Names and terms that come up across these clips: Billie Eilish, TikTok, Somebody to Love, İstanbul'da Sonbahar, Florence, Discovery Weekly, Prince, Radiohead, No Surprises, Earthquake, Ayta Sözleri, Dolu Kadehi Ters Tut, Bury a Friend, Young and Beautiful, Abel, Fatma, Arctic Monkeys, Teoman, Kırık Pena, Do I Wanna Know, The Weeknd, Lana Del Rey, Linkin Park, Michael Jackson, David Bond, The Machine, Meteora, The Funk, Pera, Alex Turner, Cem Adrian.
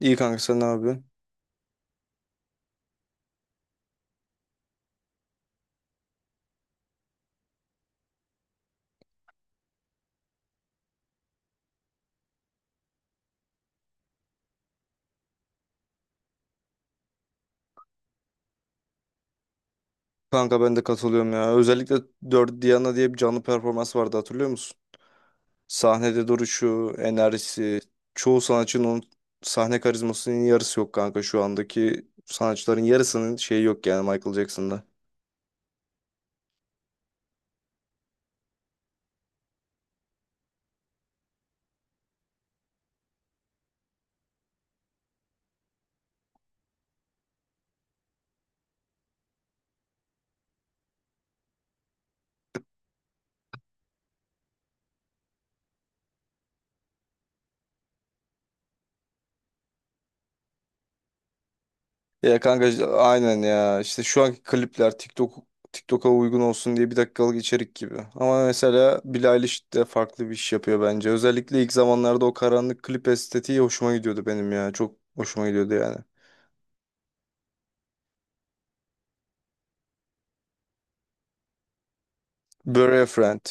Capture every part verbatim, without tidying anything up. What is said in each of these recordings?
İyi kanka sen ne yapıyorsun? Kanka ben de katılıyorum ya. Özellikle dört Diana diye bir canlı performans vardı hatırlıyor musun? Sahnede duruşu, enerjisi, çoğu sanatçının onun sahne karizmasının yarısı yok kanka, şu andaki sanatçıların yarısının şeyi yok yani Michael Jackson'da. Ya kanka işte aynen ya. İşte şu anki klipler TikTok TikTok'a uygun olsun diye bir dakikalık içerik gibi. Ama mesela Billie Eilish de farklı bir iş yapıyor bence. Özellikle ilk zamanlarda o karanlık klip estetiği hoşuma gidiyordu benim ya. Çok hoşuma gidiyordu yani. Bury a Friend.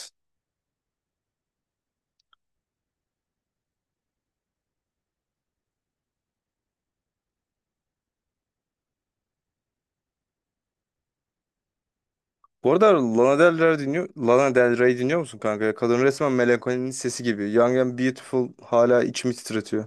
Bu arada Lana Del Rey dinliyor, Lana Del Rey dinliyor musun kanka? Kadın resmen melankolinin sesi gibi. Young and Beautiful hala içimi titretiyor.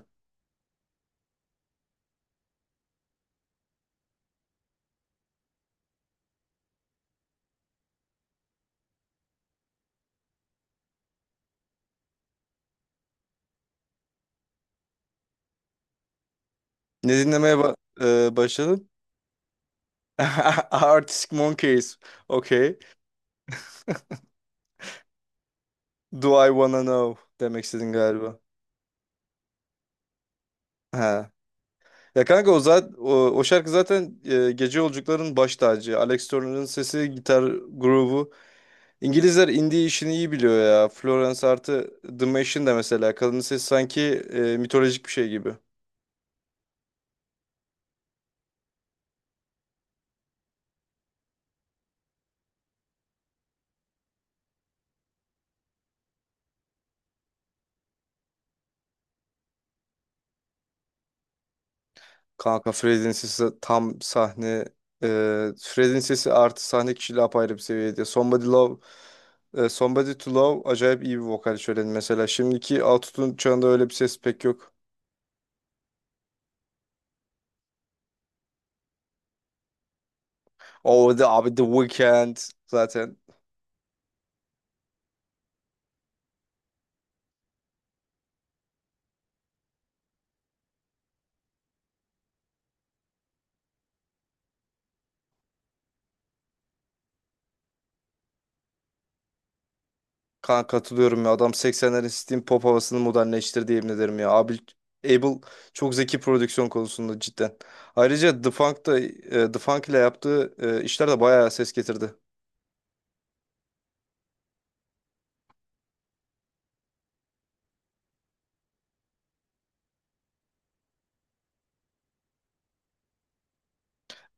Ne dinlemeye ba e, başladın? Arctic Monkeys. Okay. Do I Wanna Know demek istedin galiba. Ha. Ya kanka o, zaten, o, o şarkı zaten e, gece yolcuların baş tacı. Alex Turner'ın sesi, gitar grubu. İngilizler indie işini iyi biliyor ya. Florence artı The Machine de mesela. Kadının sesi sanki e, mitolojik bir şey gibi. Kanka Fred'in sesi tam sahne e, Fred'in sesi artı sahne kişiliği apayrı bir seviyede. Somebody Love e, Somebody to Love acayip iyi bir vokal şöleni mesela. Şimdiki autotune çağında öyle bir ses pek yok. O the abi The Weeknd zaten. Kanka, katılıyorum ya. Adam seksenlerin Steam Pop havasını modernleştirdi yemin ederim ya. Abi, Abel çok zeki prodüksiyon konusunda cidden. Ayrıca The Funk da e, The Funk ile yaptığı e, işler de bayağı ses getirdi.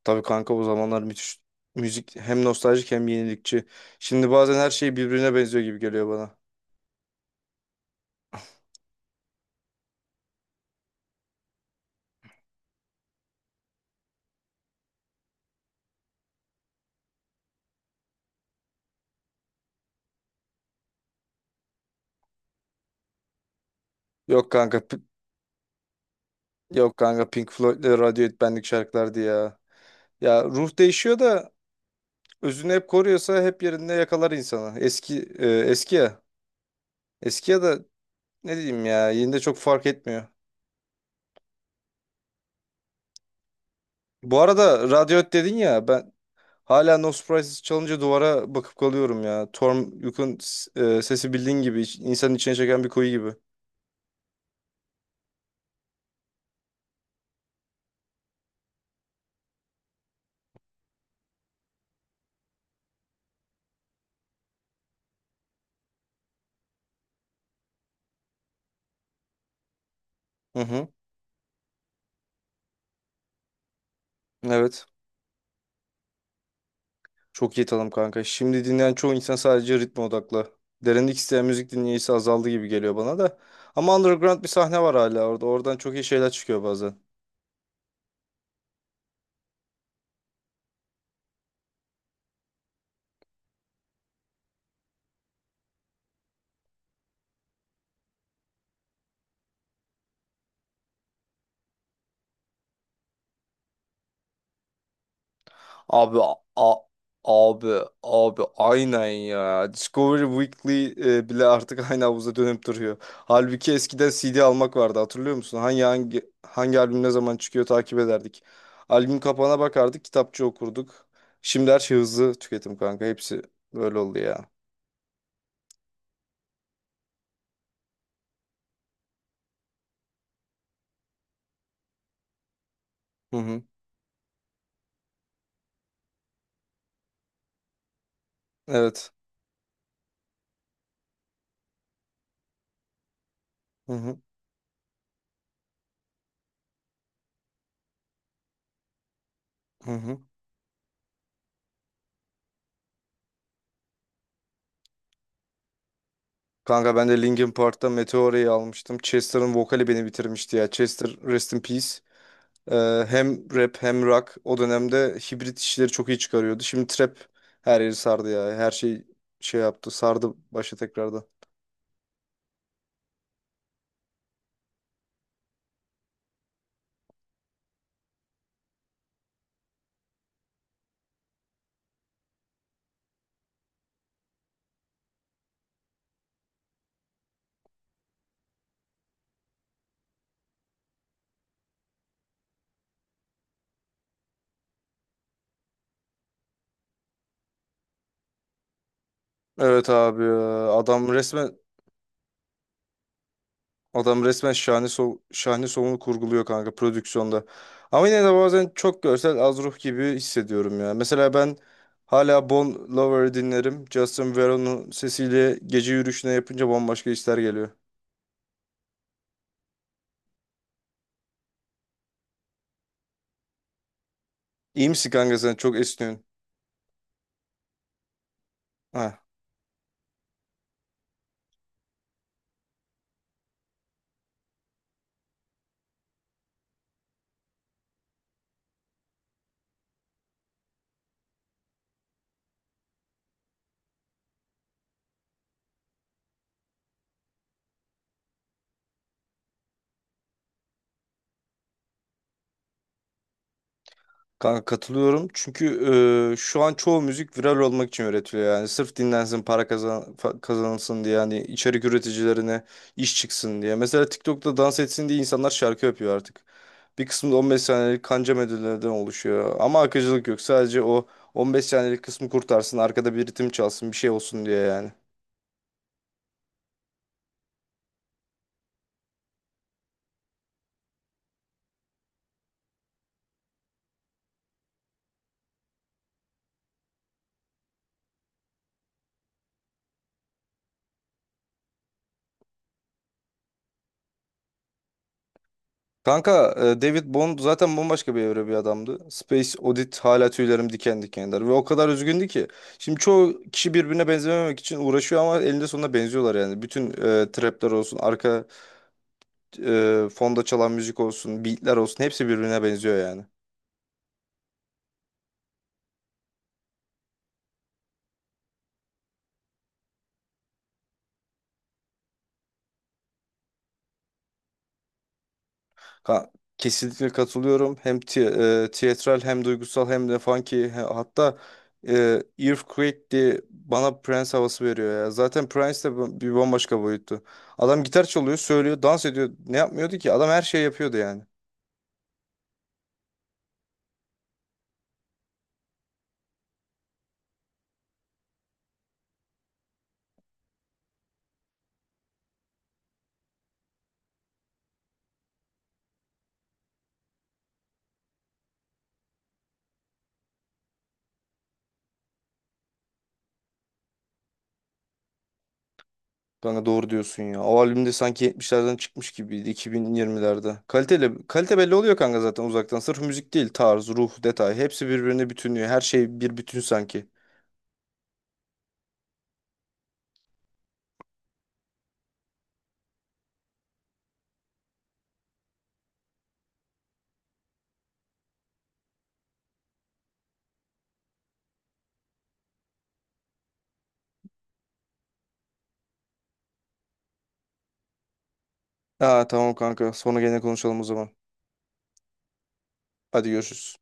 Tabii kanka, o zamanlar müthiş müzik, hem nostaljik hem yenilikçi. Şimdi bazen her şey birbirine benziyor gibi geliyor bana. Yok kanka p- yok kanka Pink Floyd'le Radiohead benlik şarkılardı ya. Ya ruh değişiyor da özünü hep koruyorsa hep yerinde yakalar insanı. Eski e, eski ya. Eski ya da ne diyeyim ya, yine de çok fark etmiyor. Bu arada Radiohead dedin ya, ben hala No Surprises çalınca duvara bakıp kalıyorum ya. Torm Yuk'un s- e, sesi, bildiğin gibi, iç- insanın içine çeken bir kuyu gibi. Hı hı. Evet. Çok iyi tanım kanka. Şimdi dinleyen çoğu insan sadece ritme odaklı. Derinlik isteyen müzik dinleyicisi azaldı gibi geliyor bana da. Ama underground bir sahne var hala orada. Oradan çok iyi şeyler çıkıyor bazen. Abi a- abi abi aynen ya. Discovery Weekly e, bile artık aynı havuza dönüp duruyor. Halbuki eskiden C D almak vardı, hatırlıyor musun? Hangi hangi hangi albüm ne zaman çıkıyor takip ederdik. Albüm kapağına bakardık, kitapçı okurduk. Şimdi her şey hızlı tüketim kanka. Hepsi böyle oldu ya. Hı hı. Evet. Hı hı, hı hı. Kanka ben de Linkin Park'ta Meteora'yı almıştım. Chester'ın vokali beni bitirmişti ya. Chester rest in peace. Ee, hem rap hem rock o dönemde hibrit işleri çok iyi çıkarıyordu. Şimdi trap her yeri sardı ya. Her şey şey yaptı sardı başı tekrardan. Evet abi ya. adam resmen Adam resmen şahane so şahane sonunu kurguluyor kanka, prodüksiyonda. Ama yine de bazen çok görsel az ruh gibi hissediyorum ya. Mesela ben hala Bon Lover'ı dinlerim. Justin Veron'un sesiyle gece yürüyüşüne yapınca bambaşka hisler geliyor. İyi misin kanka sen? Çok esniyorsun. Ha. Kanka katılıyorum. Çünkü e, şu an çoğu müzik viral olmak için üretiliyor yani. Sırf dinlensin, para kazan fa- kazanılsın diye yani, içerik üreticilerine iş çıksın diye. Mesela TikTok'ta dans etsin diye insanlar şarkı yapıyor artık. Bir kısmı da on beş saniyelik kanca melodilerden oluşuyor. Ama akıcılık yok. Sadece o on beş saniyelik kısmı kurtarsın, arkada bir ritim çalsın, bir şey olsun diye yani. Kanka e, David Bond zaten bambaşka bir evre, bir adamdı. Space Oddity hala tüylerim diken diken eder. Ve o kadar üzgündü ki. Şimdi çoğu kişi birbirine benzememek için uğraşıyor ama elinde sonunda benziyorlar yani. Bütün e, trapler olsun, arka e, fonda çalan müzik olsun, beatler olsun, hepsi birbirine benziyor yani. Ha, kesinlikle katılıyorum. Hem ti- e, tiyatral, hem duygusal, hem de funky. He- Hatta e, Earthquake diye bana Prince havası veriyor ya. Zaten Prince de bu- bir bambaşka boyuttu. Adam gitar çalıyor, söylüyor, dans ediyor. Ne yapmıyordu ki? Adam her şeyi yapıyordu yani. Kanka doğru diyorsun ya. O albümde sanki yetmişlerden çıkmış gibiydi iki bin yirmilerde. Kaliteli, kalite belli oluyor kanka zaten uzaktan. Sırf müzik değil; tarz, ruh, detay. Hepsi birbirine bütünlüyor. Her şey bir bütün sanki. Ha, tamam kanka. Sonra gene konuşalım o zaman. Hadi görüşürüz.